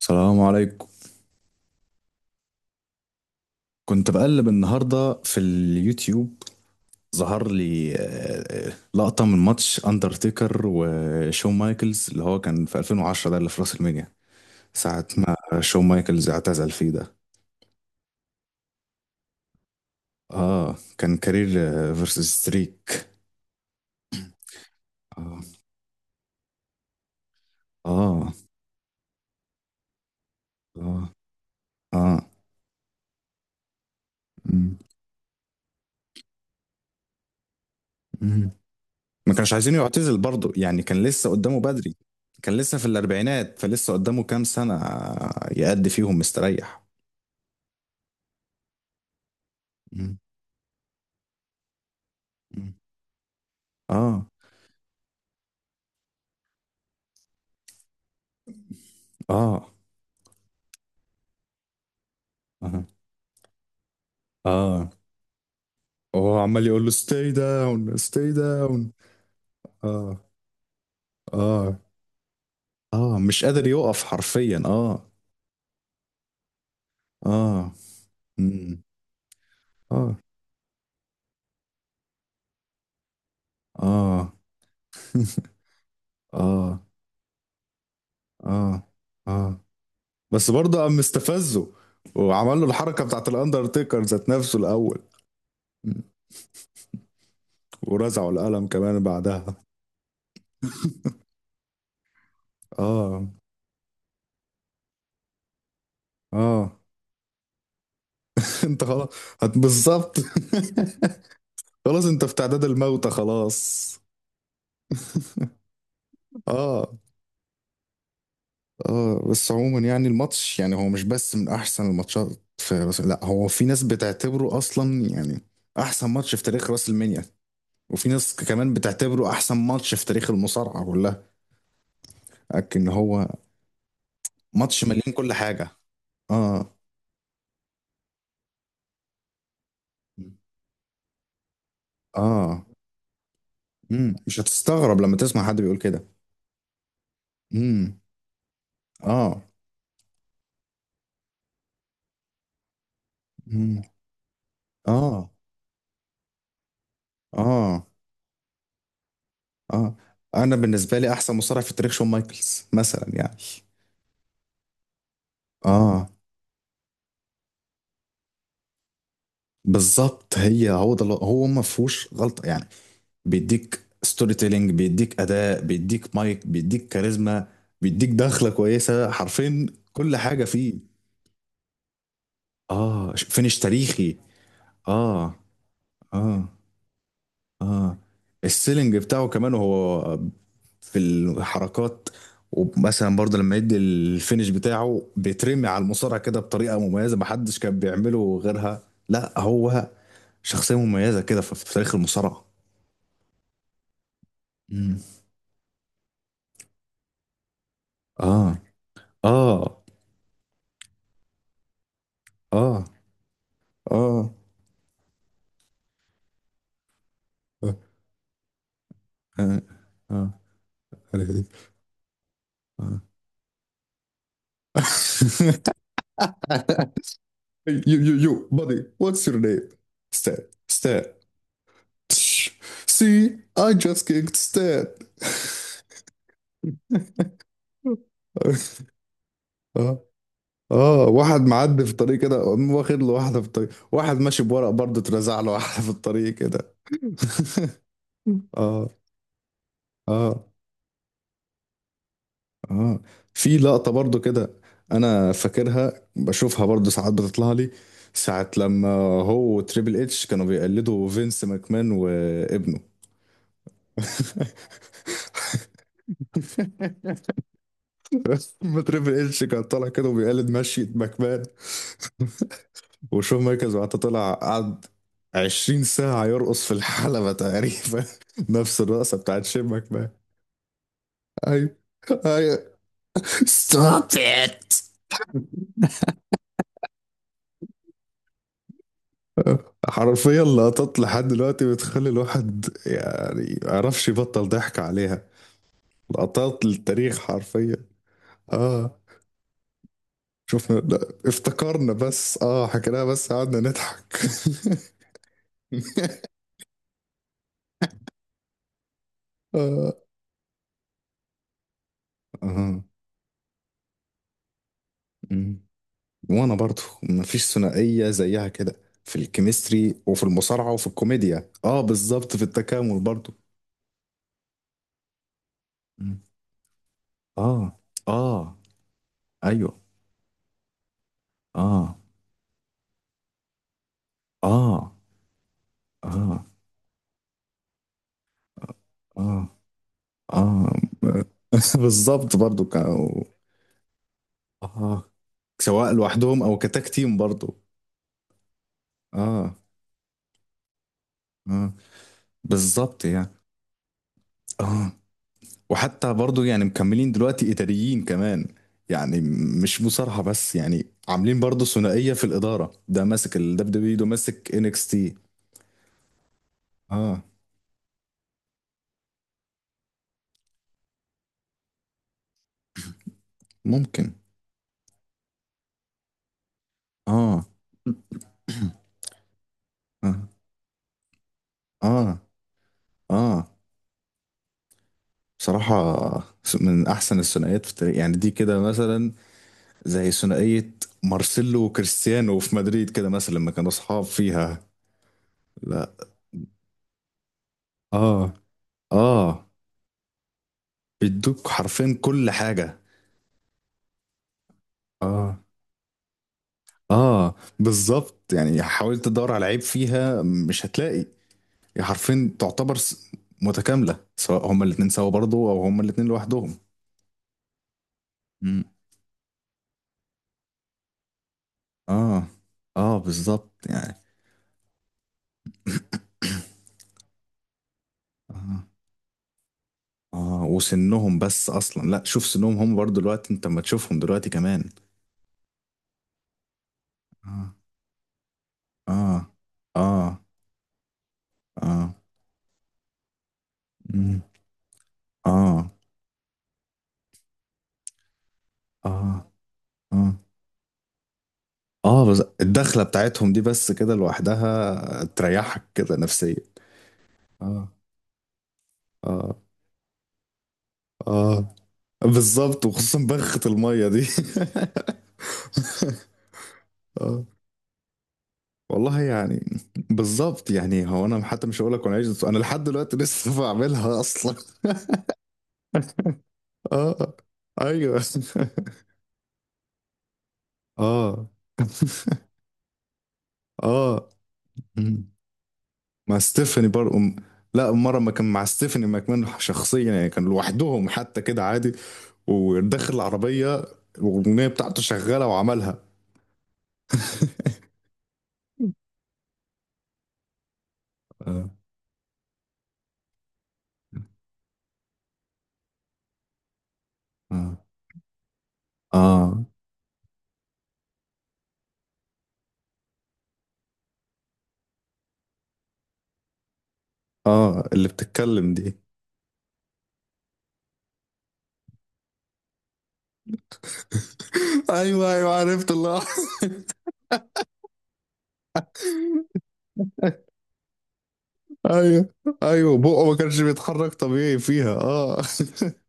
السلام عليكم. كنت بقلب النهاردة في اليوتيوب، ظهر لي لقطة من ماتش أندرتيكر وشون مايكلز اللي هو كان في 2010، ده اللي في راس المينيا ساعة ما شون مايكلز اعتزل فيه ده. اه كان كارير فيرسز ستريك. اه اه اه اه مم. مم. ما كانش عايزينه يعتزل برضه، يعني كان لسه قدامه بدري، كان لسه في الأربعينات فلسه قدامه كام سنة يأدي فيهم مستريح. مم. مم. اه اه اه اه وهو عمال يقول له ستاي داون ستاي داون. اه اه اه مش قادر يقف حرفيا اه مم. اه اه اه اه اه بس برضه قام مستفزه وعمل له الحركة بتاعت الاندرتيكر ذات نفسه الاول. مم. ورزعه القلم كمان بعدها. اه اه انت خلاص، بالظبط. خلاص انت في تعداد الموتى خلاص. اه اه بس عموما يعني الماتش، يعني هو مش بس من احسن الماتشات في لا، هو في ناس بتعتبره اصلا يعني احسن ماتش في تاريخ راس المنيا، وفي ناس كمان بتعتبره احسن ماتش في تاريخ المصارعة كلها. لكن هو ماتش مليان كل حاجة. اه اه مش هتستغرب لما تسمع حد بيقول كده. امم اه امم اه اه اه انا بالنسبة لي احسن مصارع في التاريخ شون مايكلز مثلا يعني. اه بالظبط، هو ده هو ما فيهوش غلطه يعني. بيديك ستوري تيلينج، بيديك اداء، بيديك مايك، بيديك كاريزما، بيديك دخله كويسه حرفيا، كل حاجه فيه. فينش تاريخي. اه اه اه السيلينج بتاعه كمان وهو في الحركات. ومثلا برضه لما يدي الفينش بتاعه بيترمي على المصارعه كده بطريقه مميزه محدش كان بيعمله غيرها. لا، هو شخصيه مميزه كده في في تاريخ المصارعه. اه اه اه اه اه اه اه هذه. اه You, you, you, buddy, what's your name? Stan. Stan. See, I just kicked Stan. اه اه واحد معدي في الطريق كده قام واخد له واحدة في الطريق، واحد ماشي بورق برضه اترزع له واحدة في الطريق كده. اه اه اه في لقطة برضو كده انا فاكرها، بشوفها برضو ساعات بتطلع لي، ساعة لما هو وتريبل اتش كانوا بيقلدوا فينس ماكمان وابنه. بس ما تريبل اتش كان طالع كده وبيقلد مشية ماكمان، وشون مايكلز بعد طلع قعد 20 ساعة يرقص في الحلبة تقريبا. نفس الرقصة بتاعت شين ماكمان. ايوه، ايوه، ستوب ات. حرفيا لقطات لحد دلوقتي بتخلي الواحد يعني ما يعرفش يبطل ضحك عليها. لقطات للتاريخ حرفيا. اه شفنا، لا افتكرنا بس، حكيناها بس قعدنا نضحك. اه اه أمم. وانا برضو مفيش ثنائية زيها كده، في الكيمستري وفي المصارعة وفي الكوميديا. اه بالظبط، في التكامل برضو. أمم. اه اه ايوه. اه اه اه اه اه بالظبط برضو اه سواء لوحدهم او كتاك تيم برضو. اه اه بالظبط يعني. اه وحتى برضو يعني مكملين دلوقتي اداريين كمان، يعني مش مصارحة بس يعني عاملين برضو ثنائية في الإدارة، ده ماسك ال WWE، ده ماسك NXT. اه ممكن. اه اه اه اه بصراحة من أحسن الثنائيات في التاريخ يعني، دي كده مثلا زي ثنائية مارسيلو وكريستيانو في مدريد كده مثلا لما كانوا أصحاب فيها. لا. اه آه، بيدوك حرفيا كل حاجة. اه آه بالظبط يعني، حاولت تدور على عيب فيها مش هتلاقي. هي حرفيا تعتبر متكاملة، سواء هما الاتنين سوا برضه أو هما الاتنين لوحدهم. مم. آه. آه بالظبط يعني. آه. آه وسنهم بس أصلا، لا شوف سنهم هم برضه دلوقتي، أنت ما تشوفهم دلوقتي كمان. آه آه آه اه مم. اه اه اه اه بس الدخلة بتاعتهم دي بس كده لوحدها تريحك كده نفسيا. اه اه اه بالظبط، وخصوصا بخة المية دي. اه والله يعني. بالظبط يعني، هو انا حتى مش هقول لك، وانا عايش انا لحد دلوقتي لسه بعملها اصلا. اه ايوه. اه اه مع ستيفاني برضه لا، مرة ما كان مع ستيفاني ماكمان شخصيا يعني، كان لوحدهم حتى كده عادي، وداخل العربية والأغنية بتاعته شغالة وعملها. اه اه اه اه اللي بتتكلم دي. ايوه، ايوه، عرفت الله. ايوه، ايوه، بقه ما كانش بيتحرك طبيعي فيها. اه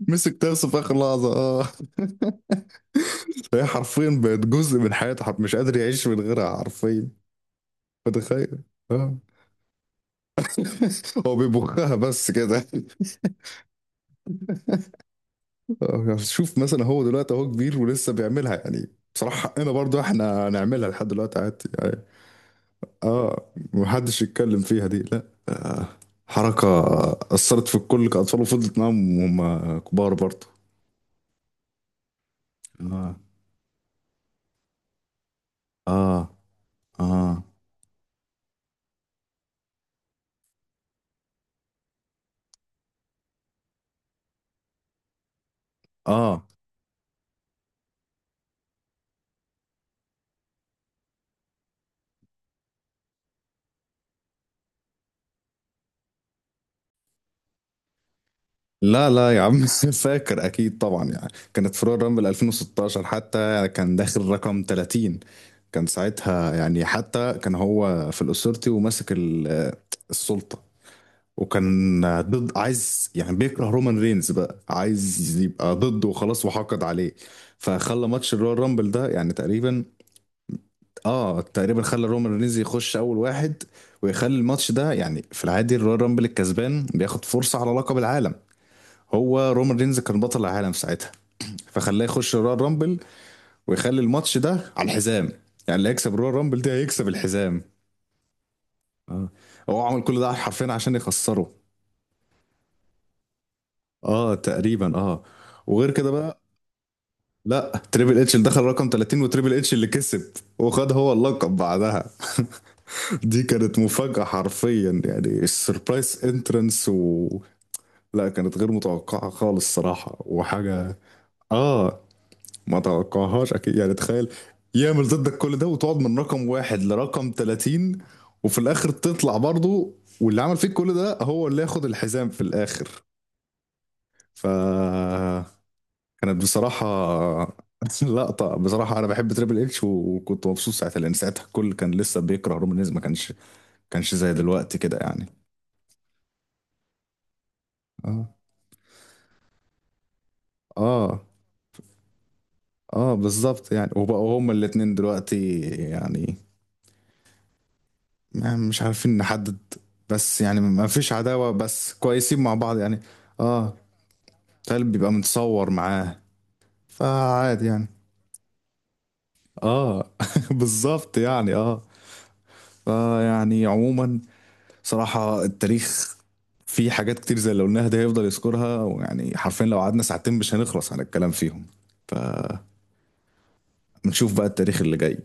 مسك نفسه في اخر لحظه. اه فهي حرفيا بقت جزء من حياته، مش قادر يعيش من غيرها حرفيا. متخيل. اه هو بيبخها بس كده. آه، شوف مثلا هو دلوقتي اهو كبير ولسه بيعملها يعني. بصراحة حقنا برضو احنا نعملها لحد دلوقتي عادي يعني. اه محدش يتكلم فيها دي لا، حركة أثرت في الكل كأطفال وفضلت معاهم وهم كبار برضو. اه اه اه اه لا لا يا عم. فاكر اكيد طبعا يعني، كانت فروع رامبل 2016، حتى كان داخل رقم 30. كان ساعتها يعني، حتى كان هو في الأسورتي وماسك السلطة، وكان ضد، عايز يعني بيكره رومان رينز بقى، عايز يبقى ضده وخلاص، وحقد عليه. فخلى ماتش الرويال رامبل ده يعني تقريبا. اه تقريبا خلى رومان رينز يخش اول واحد، ويخلي الماتش ده يعني في العادي، الرويال رامبل الكسبان بياخد فرصة على لقب العالم. هو رومان رينز كان بطل العالم ساعتها، فخلاه يخش الرويال رامبل ويخلي الماتش ده على الحزام، يعني اللي هيكسب الرويال رامبل ده هيكسب الحزام. اه هو عمل كل ده حرفيا عشان يخسره. اه تقريبا، وغير كده بقى. لا، تريبل اتش اللي دخل رقم 30 وتريبل اتش اللي كسب، وخد هو اللقب بعدها. دي كانت مفاجأة حرفيا يعني، السربرايز انترنس. و لا، كانت غير متوقعة خالص صراحة، وحاجة. اه ما توقعهاش اكيد يعني، تخيل يعمل ضدك كل ده وتقعد من رقم واحد لرقم 30، وفي الاخر تطلع برضه، واللي عمل فيك كل ده هو اللي ياخد الحزام في الاخر. فكانت بصراحة لقطة. بصراحة أنا بحب تريبل اتش، وكنت مبسوط ساعتها لأن ساعتها الكل كان لسه بيكره رومان رينز، ما كانش كانش زي دلوقتي كده يعني. اه اه اه بالظبط يعني، وبقوا هما الاتنين دلوقتي يعني مش عارفين نحدد. بس يعني ما فيش عداوة بس، كويسين مع بعض يعني. اه تالب بيبقى متصور معاه، فعادي يعني. اه بالظبط يعني. اه فيعني عموما، صراحة التاريخ فيه حاجات كتير زي اللي قلناها، ده هيفضل يذكرها، ويعني حرفيا لو قعدنا ساعتين مش هنخلص على الكلام فيهم. فنشوف بقى التاريخ اللي جاي.